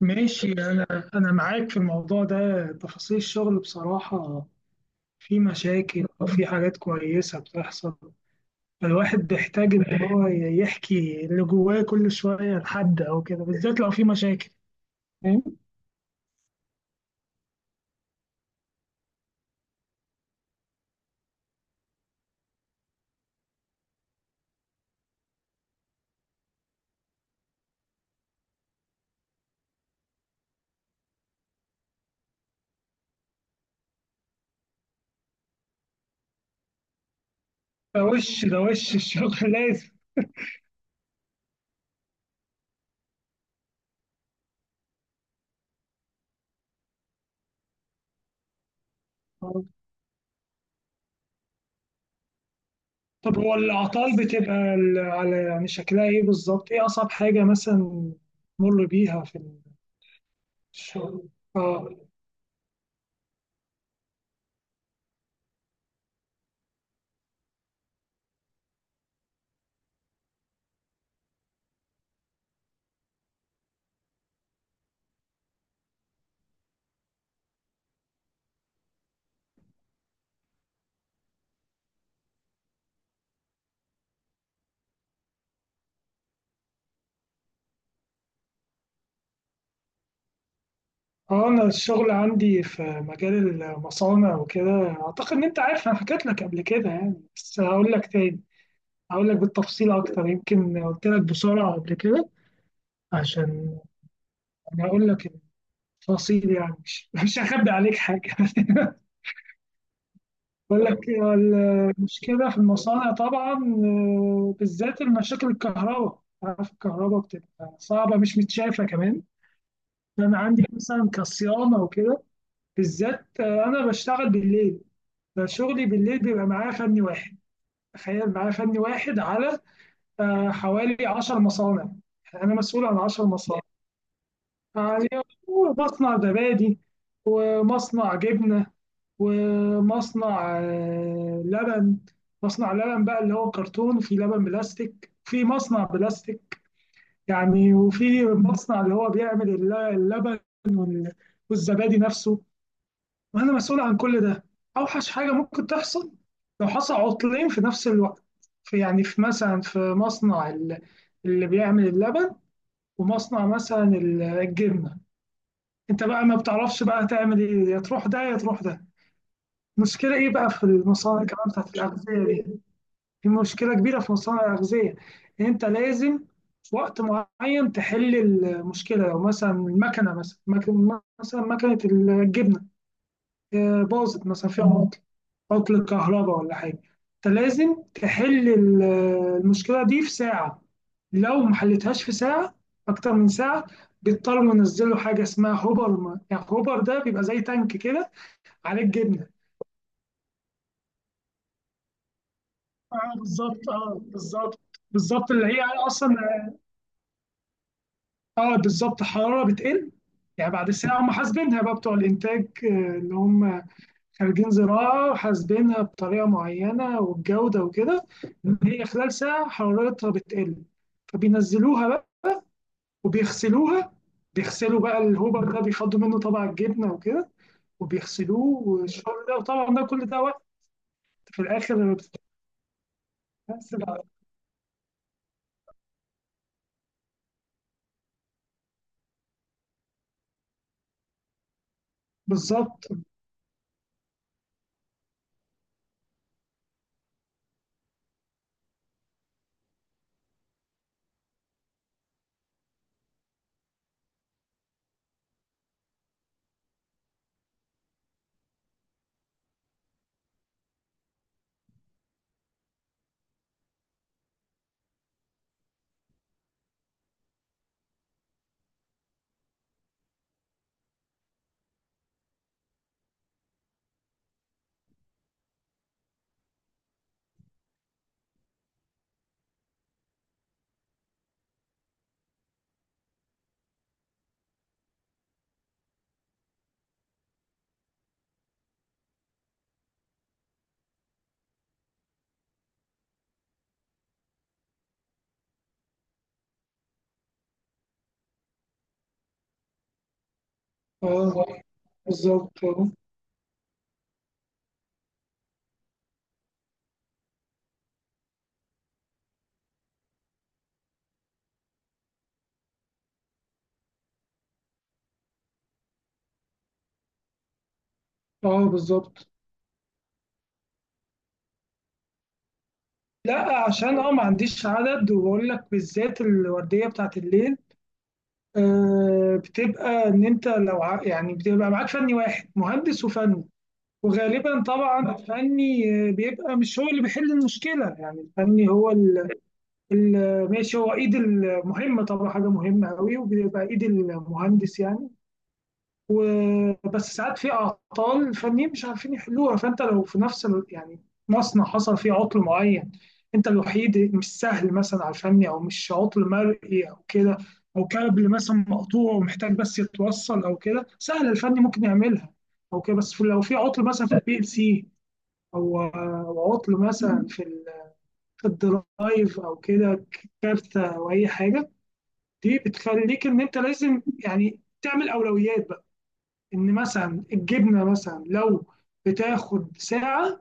ماشي أنا. أنا معاك في الموضوع ده، تفاصيل الشغل بصراحة في مشاكل وفي حاجات كويسة بتحصل. الواحد بيحتاج إن هو يحكي اللي جواه كل شوية لحد أو كده، بالذات لو في مشاكل. ده وش ده وش الشغل لازم. طب هو الأعطال بتبقى على شكلها إيه بالظبط؟ إيه أصعب حاجة مثلا مر بيها في الشغل؟ آه. اه انا الشغل عندي في مجال المصانع وكده، اعتقد ان انت عارف، انا حكيت لك قبل كده يعني، بس هقول لك تاني. هقول لك بالتفصيل اكتر، يمكن قلت لك بسرعه قبل كده. عشان انا هقول لك التفاصيل، يعني مش مش هخبي عليك حاجه بقول تمام لك. المشكله في المصانع طبعا، بالذات المشاكل الكهرباء، عارف الكهرباء بتبقى صعبه مش متشافه كمان. انا عندي مثلا كصيانه وكده بالذات، انا بشتغل بالليل، فشغلي بالليل بيبقى معاه فني واحد. تخيل معاه فني واحد على حوالي 10 مصانع. يعني انا مسؤول عن 10 مصانع. يعني مصنع زبادي، مصنع جبنة، ومصنع لبن. مصنع لبن بقى اللي هو كرتون، في لبن بلاستيك، في مصنع بلاستيك يعني، وفي مصنع اللي هو بيعمل اللبن وال- والزبادي نفسه، وانا مسؤول عن كل ده. اوحش حاجه ممكن تحصل لو حصل عطلين في نفس الوقت، في يعني في مثلا في مصنع اللي بيعمل اللبن، ومصنع مثلا الجبنه. انت بقى ما بتعرفش بقى تعمل ايه، يا تروح ده يا تروح ده. المشكله ايه بقى في المصانع كمان بتاعت الاغذيه دي، في مشكله كبيره في مصانع الاغذيه، ان انت لازم في وقت معين تحل المشكله. لو مثلا المكنه، مثلا مكنه الجبنه باظت مثلا، فيها عطل كهرباء ولا حاجة، أنت لازم تحل المشكلة دي في ساعة. لو ما حلتهاش في ساعة، أكتر من ساعة، بيضطروا ينزلوا حاجة اسمها هوبر ما. يعني هوبر ده بيبقى زي تانك كده عليه الجبنة. اه بالظبط، اه بالظبط، بالظبط اللي هي أصلا. اه بالظبط، حرارة بتقل. يعني بعد ساعة هم حاسبينها بقى بتوع الإنتاج، اللي هم خريجين زراعة وحاسبينها بطريقة معينة والجودة وكده، إن هي خلال ساعة حرارتها بتقل. فبينزلوها بقى وبيغسلوها. بيغسلوا بقى الهوبر ده، بيفضوا منه طبعا الجبنة وكده وبيغسلوه والشغل ده، وطبعا ده كل ده وقت في الآخر. بتتغسل على- بالظبط، اه بالظبط، اه بالظبط. لا عشان اه ما عنديش عدد، وبقول لك بالذات الوردية بتاعت الليل، بتبقى ان انت لو بتبقى معاك فني واحد، مهندس وفني. وغالبا طبعا الفني بيبقى مش هو اللي بيحل المشكله. يعني الفني هو ماشي، هو ايد المهمه طبعا، حاجه مهمه قوي، وبيبقى ايد المهندس يعني. بس ساعات في اعطال الفنيين مش عارفين يحلوها. فانت لو في نفس ال... يعني مصنع حصل فيه عطل معين، انت الوحيد، مش سهل مثلا على الفني، او مش عطل مرئي او كده، او كابل مثلا مقطوع ومحتاج بس يتوصل او كده، سهل الفني ممكن يعملها او كده. بس لو في عطل مثلا في البي ال سي، أو عطل مثلا في الدرايف او كده، كارتة او اي حاجه، دي بتخليك ان انت لازم يعني تعمل اولويات بقى. ان مثلا الجبنه مثلا لو بتاخد ساعه،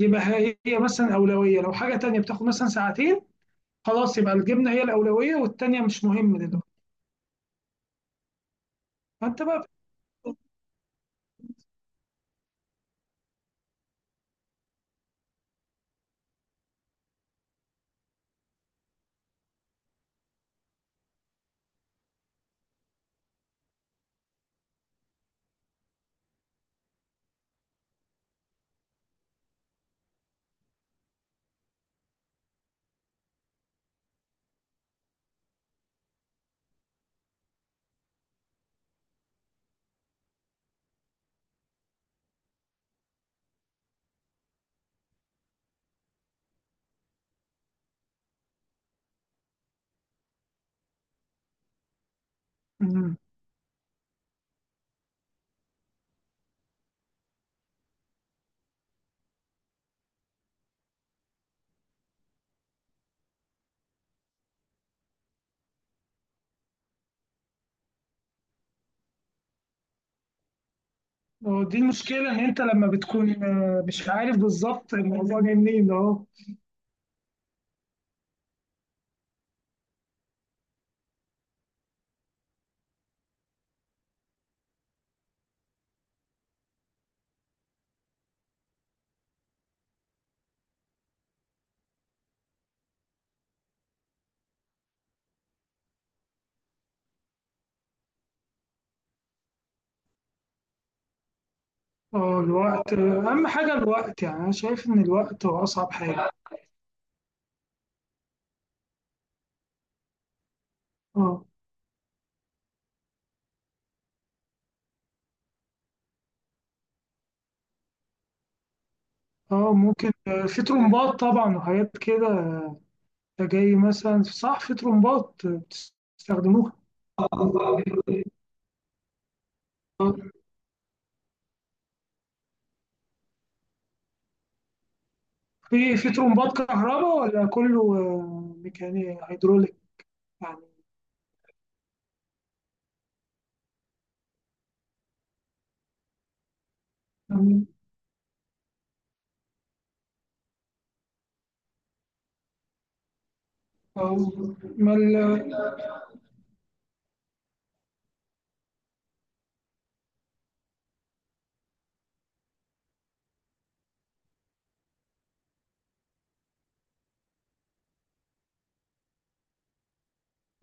يبقى هي مثلا اولويه. لو حاجه تانية بتاخد مثلا ساعتين، خلاص يبقى الجبنه هي الاولويه والتانية مش مهمه دلوقتي. فانت بقى. مم. هو دي المشكله ان انت لما بتكون مش عارف بالظبط الموضوع جاي منين اهو. اه الوقت، اهم حاجه الوقت، يعني انا شايف ان الوقت هو اصعب حاجه. اه اه ممكن، في ترومبات طبعا وحاجات كده جاي مثلا صح، في ترومبات بتستخدموها. آه. في ترمبات كهرباء ولا كله ميكاني هيدروليك؟ يعني آه، ما ال-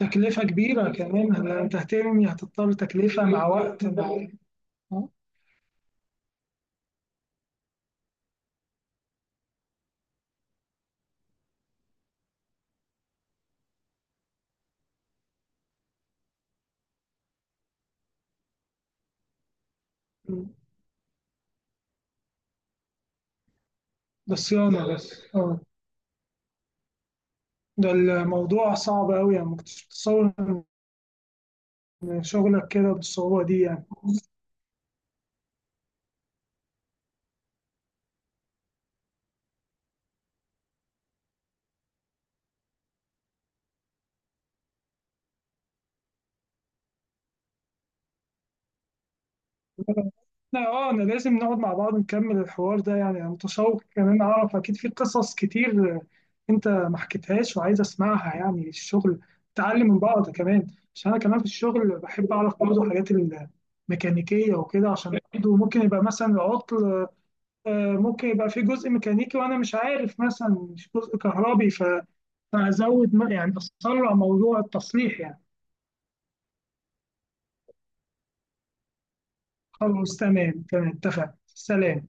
تكلفة كبيرة كمان يعني، لو تهتم يعني هتضطر تكلفة مع وقت مع آه، ده صيانة بس. آه. ده الموضوع صعب أوي، يعني ما كنتش متصور إن شغلك كده بالصعوبة دي يعني. لا اه، انا لازم نقعد مع بعض نكمل الحوار ده يعني. انا متشوق كمان اعرف، اكيد في قصص كتير انت ما حكيتهاش وعايز اسمعها يعني. الشغل تعلم من بعض كمان. عشان انا كمان في الشغل بحب اعرف برضه حاجات الميكانيكيه وكده، عشان برضه ممكن يبقى مثلا العطل ممكن يبقى في جزء ميكانيكي، وانا مش عارف مثلا، مش جزء كهربي، فازود يعني اسرع موضوع التصليح يعني. خلاص تمام، تمام، اتفق، سلام.